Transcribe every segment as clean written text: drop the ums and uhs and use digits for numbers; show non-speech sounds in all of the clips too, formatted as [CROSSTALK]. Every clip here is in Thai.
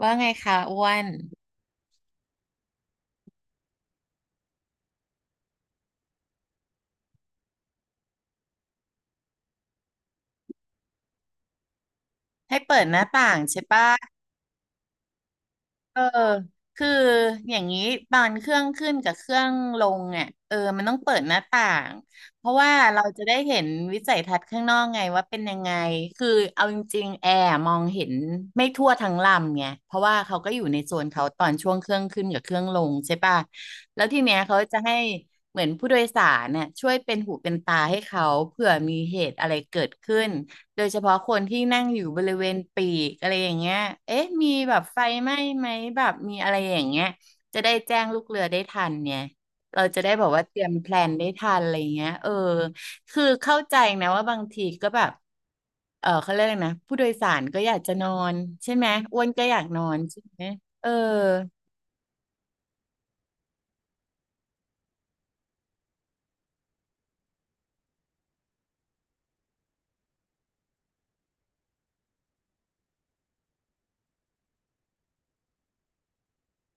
ว่าไงคะอ้วนให้เปิดหน้าต่างใช่ปะเออคืออย่างนี้ตอนเครื่องขึ้นกับเครื่องลงเนี่ยเออมันต้องเปิดหน้าต่างเพราะว่าเราจะได้เห็นวิสัยทัศน์ข้างนอกไงว่าเป็นยังไงคือเอาจริงๆแอร์มองเห็นไม่ทั่วทั้งลำไงเพราะว่าเขาก็อยู่ในโซนเขาตอนช่วงเครื่องขึ้นกับเครื่องลงใช่ปะแล้วทีเนี้ยเขาจะให้เหมือนผู้โดยสารเนี่ยช่วยเป็นหูเป็นตาให้เขาเผื่อมีเหตุอะไรเกิดขึ้น โดยเฉพาะคนที่นั่งอยู่บริเวณปีกอะไรอย่างเงี้ยเอ๊ะมีแบบไฟไหม้ไหมแบบมีอะไรอย่างเงี้ยจะได้แจ้งลูกเรือได้ทันเนี่ยเราจะได้บอกว่าเตรียมแพลนได้ทันอะไรเงี้ยเออคือเข้าใจนะว่าบางทีก็แบบเขาเรียกอะไรนะผู้โดยสารก็อยากจะนอนใช่ไหมอ้วนก็อยากนอนใช่ไหมเออ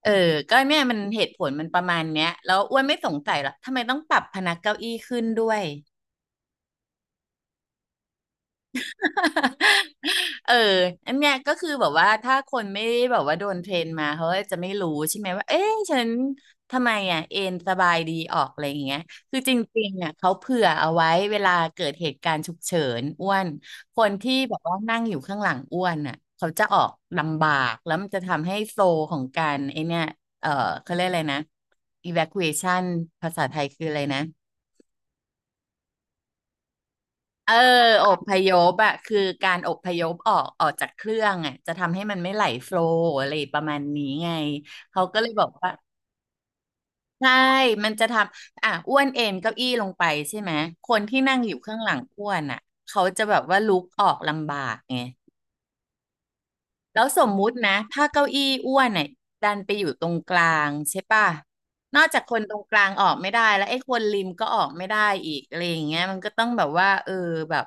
เออก็เนี่ยมันเหตุผลมันประมาณเนี้ยแล้วอ้วนไม่สงสัยหรอกทำไมต้องปรับพนักเก้าอี้ขึ้นด้วย [LAUGHS] เอออันเนี้ยก็คือแบบว่าถ้าคนไม่ได้แบบว่าโดนเทรนมาเขาก็จะไม่รู้ใช่ไหมว่าเอ๊ะฉันทำไมอ่ะเอ็นสบายดีออกอะไรอย่างเงี้ยคือจริงๆอ่ะเขาเผื่อเอาไว้เวลาเกิดเหตุการณ์ฉุกเฉินอ้วนคนที่แบบว่านั่งอยู่ข้างหลังอ้วนอ่ะเขาจะออกลำบากแล้วมันจะทำให้โซลของการไอเนี้ยเออเขาเรียกอะไรนะ evacuation ภาษาไทยคืออะไรนะ เอออพยพอะคือการอพยพออกออกจากเครื่องอะจะทำให้มันไม่ไหลโฟลว์อะไรประมาณนี้ไงเขาก็เลยบอกว่าใช่มันจะทำอ่ะอ้วนเอนเก้าอี้ลงไปใช่ไหมคนที่นั่งอยู่ข้างหลังอ้วนอะเขาจะแบบว่าลุกออกลำบากไง แล้วสมมุตินะถ้าเก้าอี้อ้วนเนี่ยดันไปอยู่ตรงกลางใช่ป่ะนอกจากคนตรงกลางออกไม่ได้แล้วไอ้คนริมก็ออกไม่ได้อีกอะไรอย่างเงี้ยมันก็ต้องแบบว่าเออแบบ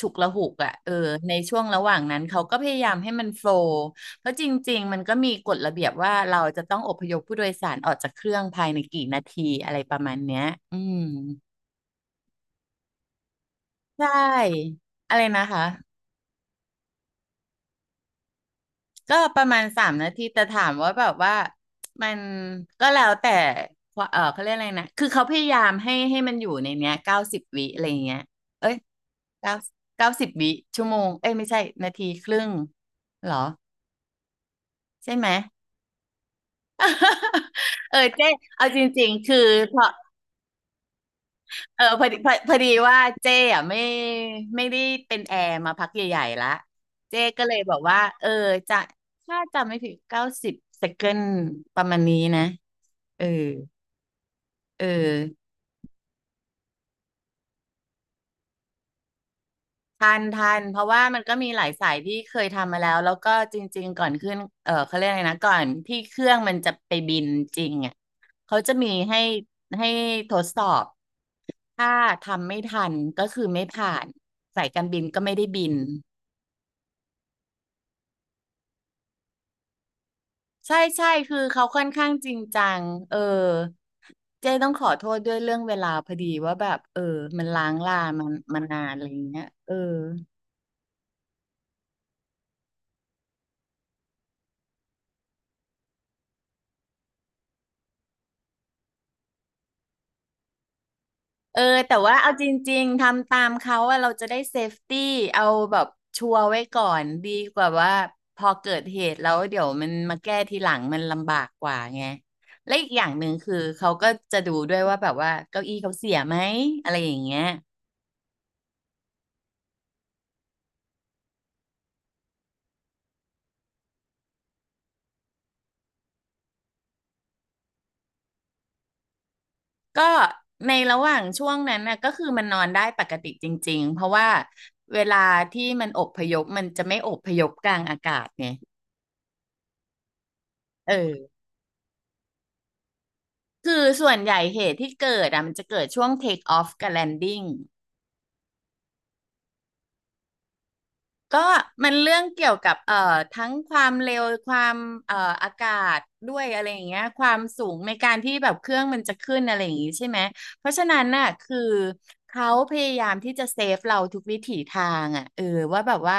ฉุกละหุกอ่ะเออในช่วงระหว่างนั้นเขาก็พยายามให้มันโฟลว์เพราะจริงๆมันก็มีกฎระเบียบว่าเราจะต้องอพยพผู้โดยสารออกจากเครื่องภายในกี่นาทีอะไรประมาณเนี้ยอืมใช่อะไรนะคะ ก็ประมาณ3 นาทีแต่ถามว่าแบบว่ามันก็แล้วแต่ว่าเขาเรียกอะไรนะคือเขาพยายามให้มันอยู่ในเนี้ยเก้าสิบวิอะไรเงี้ยเอ้ยเก้าเก้าสิบวิชั่วโมงเอ้ยไม่ใช่นาทีครึ่งเหรอใช่ไหม [LAUGHS] เออเจ๊เอาจริงๆคือพอพอดีพอดีว่าเจ๊อ่ะไม่ไม่ได้เป็นแอร์มาพักใหญ่ๆละเจ๊ก็เลยบอกว่าเออจะถ้าจำไม่ผิด90 เซคันด์ประมาณนี้นะเออ เออทันทันเพราะว่ามันก็มีหลายสายที่เคยทำมาแล้วแล้วก็จริงๆก่อนขึ้นเขาเรียกอะไรนะก่อนที่เครื่องมันจะไปบินจริงอ่ะเขาจะมีให้ให้ทดสอบถ้าทำไม่ทันก็คือไม่ผ่านสายการบินก็ไม่ได้บินใช่ใช่คือเขาค่อนข้างจริงจังเออเจ๊ต้องขอโทษด้วยเรื่องเวลาพอดีว่าแบบเออมันล้างลามันมานานอะไรอย่างเงี้ยเออ เออแต่ว่าเอาจริงๆทำตามเขาอะเราจะได้เซฟตี้เอาแบบชัวร์ไว้ก่อนดีกว่าว่าพอเกิดเหตุแล้วเดี๋ยวมันมาแก้ทีหลังมันลำบากกว่าไงและอีกอย่างหนึ่งคือเขาก็จะดูด้วยว่าแบบว่าเก้าอี้เขาเสียไหมอะไรอย่างเงี้ยก็ในระหว่างช่วงนั้นนะก็คือมันนอนได้ปกติจริงๆเพราะว่าเวลาที่มันอพยพมันจะไม่อพยพกลางอากาศไงเออ คือส่วนใหญ่เหตุที่เกิดอ่ะมันจะเกิดช่วง take off กับ landing ก็มันเรื่องเกี่ยวกับทั้งความเร็วความเอ่ออากาศด้วยอะไรอย่างเงี้ยความสูงในการที่แบบเครื่องมันจะขึ้นอะไรอย่างงี้ใช่ไหมเพราะฉะนั้นน่ะคือเขาพยายามที่จะเซฟเราทุกวิถีทางอ่ะเออว่าแบบว่า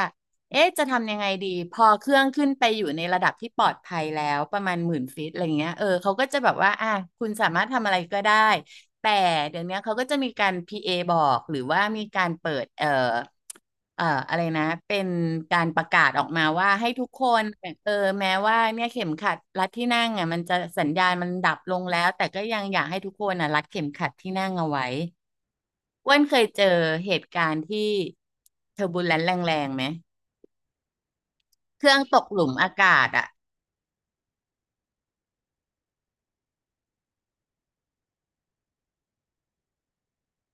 เอ๊ะจะทำยังไงดีพอเครื่องขึ้นไปอยู่ในระดับที่ปลอดภัยแล้วประมาณ10,000 ฟิตอะไรเงี้ยเออเขาก็จะแบบว่าอ่ะคุณสามารถทำอะไรก็ได้ แต่เดี๋ยวนี้เขาก็จะมีการ PA บอกหรือว่ามีการเปิดอะไรนะเป็นการประกาศออกมาว่าให้ทุกคนเออแม้ว่าเนี่ยเข็มขัดรัดที่นั่งอ่ะมันจะสัญญาณมันดับลงแล้วแต่ก็ยังอยากให้ทุกคนอ่ะรัดเข็มขัดที่นั่งเอาไว้อ้วนเคยเจอเหตุการณ์ที่เทอร์บูลแลนซ์แรงๆไหมเครื่องตกหลุมอากาศอะ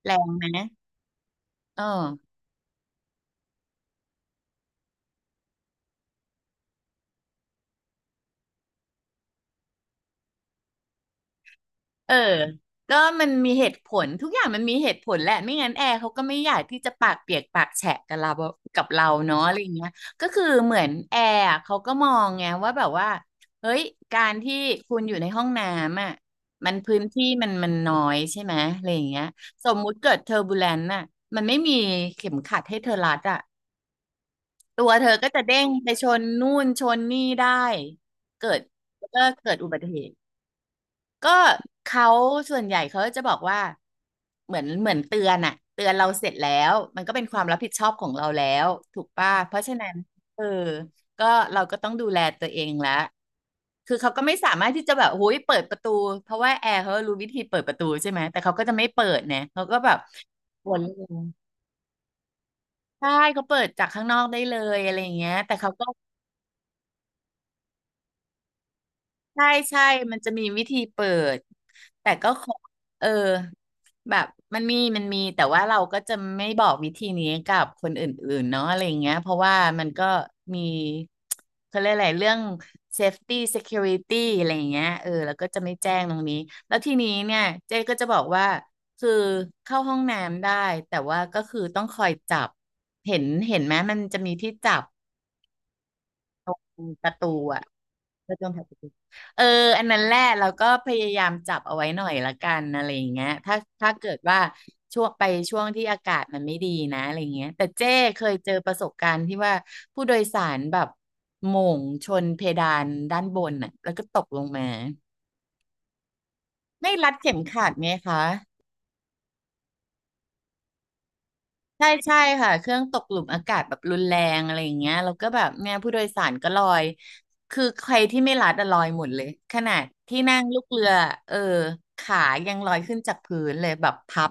แรงไหมเออ เออก็มันมีเหตุผลทุกอย่างมันมีเหตุผลแหละไม่งั้นแอร์เขาก็ไม่อยากที่จะปากเปียกปากแฉะกับเรากับเราเนาะอะไรอย่างเงี้ยก็คือเหมือนแอร์อะเขาก็มองไงว่าแบบว่าเฮ้ย การที่คุณอยู่ในห้องน้ำอ่ะมันพื้นที่มันน้อยใช่ไหมอะไรอย่างเงี้ยสมมุติเกิดเทอร์บูเลนต์น่ะมันไม่มีเข็มขัดให้เธอรัดอ่ะตัวเธอก็จะเด้งไปชนนู่นชนนี่ได้เกิดก็เกิดอุบัติเหตุ ก็เขาส่วนใหญ่เขาจะบอกว่าเหมือนเตือนอะเตือนเราเสร็จแล้วมันก็เป็นความรับผิดชอบของเราแล้วถูกป่ะเพราะฉะนั้นเออก็เราก็ต้องดูแลตัวเองละคือเขาก็ไม่สามารถที่จะแบบโอ้ยเปิดประตูเพราะว่าแอร์เขารู้วิธีเปิดประตูใช่ไหมแต่เขาก็จะไม่เปิดเนี่ยเขาก็แบบวนเลยใช่เขาเปิดจากข้างนอกได้เลยอะไรอย่างเงี้ยแต่เขาก็ ใช่ใช่มันจะมีวิธีเปิดแต่ก็ขอเออแบบมันมีแต่ว่าเราก็จะไม่บอกวิธีนี้กับคนอื่นๆเนาะอะไรอย่างเงี้ยเพราะว่ามันก็มี [TSK] เขาเรียกอะไรเรื่อง safety security อะไรอย่างเงี้ยเออแล้วก็จะไม่แจ้งตรงนี้แล้วทีนี้เนี่ยเจ๊ก็จะบอกว่าคือเข้าห้องน้ำได้แต่ว่าก็คือต้องคอยจับเห็นไหมมันจะมีที่จับตรงประตูอะ แล้จอมผัดกุเอออันนั้นแหละเราก็พยายามจับเอาไว้หน่อยละกันอะไรอย่างเงี้ยถ้าเกิดว่าช่วงไปช่วงที่อากาศมันไม่ดีนะอะไรเงี้ยแต่เจ้เคยเจอประสบการณ์ที่ว่าผู้โดยสารแบบโหม่งชนเพดานด้านบนน่ะแล้วก็ตกลงมาไม่รัดเข็มขัดไหมคะ ใช่ใช่ค่ะเครื่องตกหลุมอากาศแบบรุนแรงอะไรอย่างเงี้ยแล้วก็แบบเนี่ยผู้โดยสารก็ลอยคือใครที่ไม่รัดอะลอยหมดเลยขนาดที่นั่งลูกเรือเออขายังลอยขึ้นจากพื้นเลยแบบพับ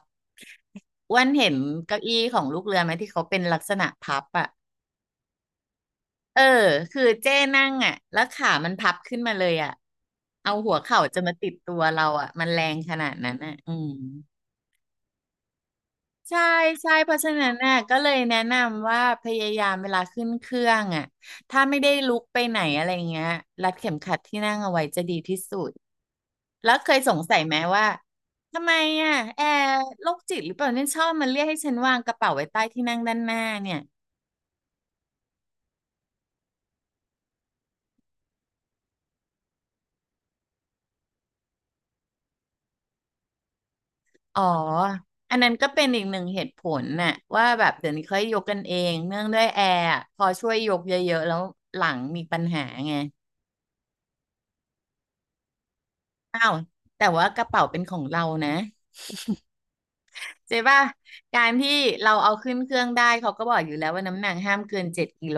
อ้วันเห็นเก้าอี้ของลูกเรือไหมที่เขาเป็นลักษณะพับอ่ะเออคือเจ้นั่งอ่ะแล้วขามันพับขึ้นมาเลยอ่ะเอาหัวเข่าจะมาติดตัวเราอ่ะมันแรงขนาดนั้นอ่ะอืม ใช่ใช่เพราะฉะนั้นน่ะก็เลยแนะนำว่าพยายามเวลาขึ้นเครื่องอ่ะถ้าไม่ได้ลุกไปไหนอะไรเงี้ยรัดเข็มขัดที่นั่งเอาไว้จะดีที่สุดแล้วเคยสงสัยไหมว่าทำไมอ่ะแอร์โรคจิตหรือเปล่าเนี่ยชอบมันเรียกให้ฉันวางกระเป๋าไว้ใต้ที่นั่งด้านหน้าเนี่ยอ๋ออันนั้นก็เป็นอีกหนึ่งเหตุผลน่ะว่าแบบเดี๋ยวนี้เขาให้ยกกันเองเนื่องด้วยแอร์อะพอช่วยยกเยอะๆแล้วหลังมีปัญหาไงอ้าวแต่ว่ากระเป๋าเป็นของเรานะ เจ๊ป่ะการที่เราเอาขึ้นเครื่องได้เขาก็บอกอยู่แล้วว่าน้ำหนักห้ามเกินเจ็ดกิโล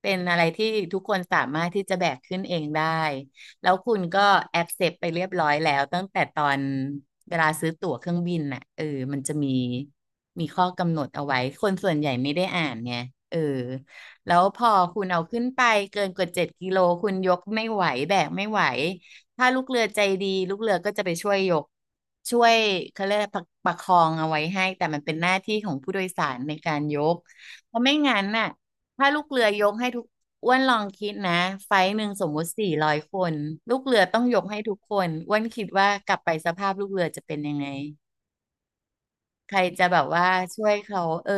เป็นอะไรที่ทุกคนสามารถที่จะแบกขึ้นเองได้แล้วคุณก็แอ c เซปไปเรียบร้อยแล้วตั้งแต่ตอนเวลาซื้อตั๋วเครื่องบินน่ะเออมันจะมีมีข้อกำหนดเอาไว้คนส่วนใหญ่ไม่ได้อ่านไงเออแล้วพอคุณเอาขึ้นไปเกินกว่าเจ็ดกิโลคุณยกไม่ไหวแบกไม่ไหว ถ้าลูกเรือใจดีลูกเรือก็จะไปช่วยยกช่วยเขาเรียกอะไรประคองเอาไว้ให้แต่มันเป็นหน้าที่ของผู้โดยสารในการยกเพราะไม่งั้นน่ะถ้าลูกเรือยกให้อ้วนลองคิดนะไฟล์หนึ่งสมมุติ400 คนลูกเรือต้องยกให้ทุกคนอ้วนคิดว่ากลับไปสภาพลูกเรือจะเป็นยังไงใครจะแบบว่าช่วยเขาเออ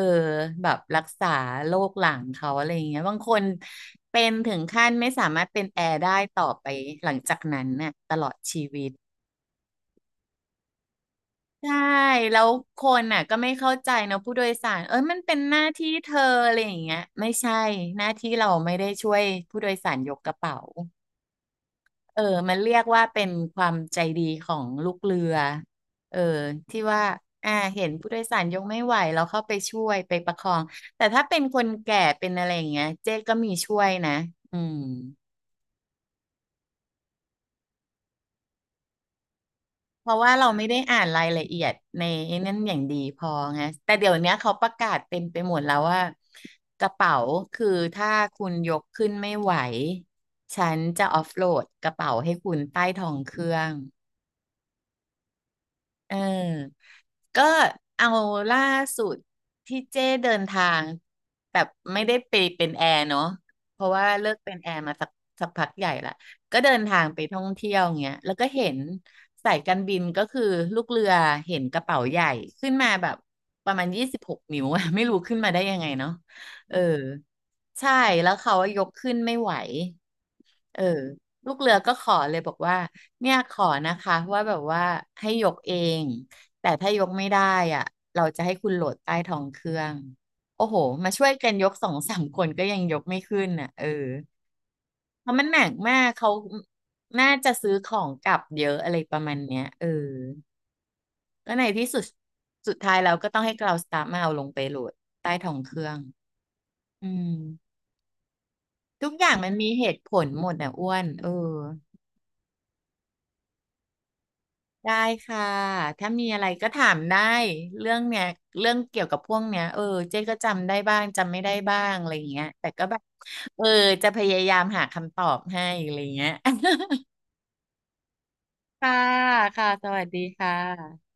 แบบรักษาโรคหลังเขาอะไรอย่างเงี้ยบางคนเป็นถึงขั้นไม่สามารถเป็นแอร์ได้ต่อไปหลังจากนั้นน่ะตลอดชีวิต ใช่แล้วคนน่ะก็ไม่เข้าใจนะผู้โดยสารเอ้ยมันเป็นหน้าที่เธออะไรอย่างเงี้ยไม่ใช่หน้าที่เราไม่ได้ช่วยผู้โดยสารยกกระเป๋าเออมันเรียกว่าเป็นความใจดีของลูกเรือเออที่ว่าเห็นผู้โดยสารยกไม่ไหวเราเข้าไปช่วยไปประคองแต่ถ้าเป็นคนแก่เป็นอะไรอย่างเงี้ยเจ๊ก็มีช่วยนะอืม เพราะว่าเราไม่ได้อ่านรายละเอียดในนั้นอย่างดีพอไงแต่เดี๋ยวเนี้ยเขาประกาศเต็มไปหมดแล้วว่ากระเป๋าคือถ้าคุณยกขึ้นไม่ไหวฉันจะออฟโหลดกระเป๋าให้คุณใต้ท้องเครื่อง เออก็เอาล่าสุดที่เจ้เดินทางแบบไม่ได้ไปเป็นแอร์เนาะเพราะว่าเลิกเป็นแอร์มาสักพักใหญ่ละ ก็เดินทางไปท่องเที่ยวเงี้ยแล้วก็เห็นสายการบินก็คือลูกเรือเห็นกระเป๋าใหญ่ขึ้นมาแบบประมาณ26นิ้วอะ [LAUGHS] ไม่รู้ขึ้นมาได้ยังไงเนาะเออใช่แล้วเขาายกขึ้นไม่ไหว เออลูกเรือก็ขอเลยบอกว่าเนี่ยขอนะคะว่าแบบว่าให้ยกเองแต่ถ้ายกไม่ได้อ่ะเราจะให้คุณโหลดใต้ท้องเครื่องโอ้โหมาช่วยกันยกสองสามคนก็ยังยกไม่ขึ้นอ่ะเออเพราะมันหนักมากเขาน่าจะซื้อของกลับเยอะอะไรประมาณเนี้ยเออก็ในที่สุดสุดท้ายเราก็ต้องให้กราวสตาฟมาเอาลงไปโหลดใต้ท้องเครื่องอืมทุกอย่างมันมีเหตุผลหมดอ่ะอ้วนเออ ได้ค่ะถ้ามีอะไรก็ถามได้เรื่องเนี้ยเรื่องเกี่ยวกับพวกเนี้ยเออเจ๊ก็จำได้บ้างจำไม่ได้บ้างอะไรอย่างเงี้ยแต่ก็แบบเออจะพยายามหาคำตอบให้อะไรอย่างเงี้ย [LAUGHS] ค่ะค่ะ สวัสดีค่ะ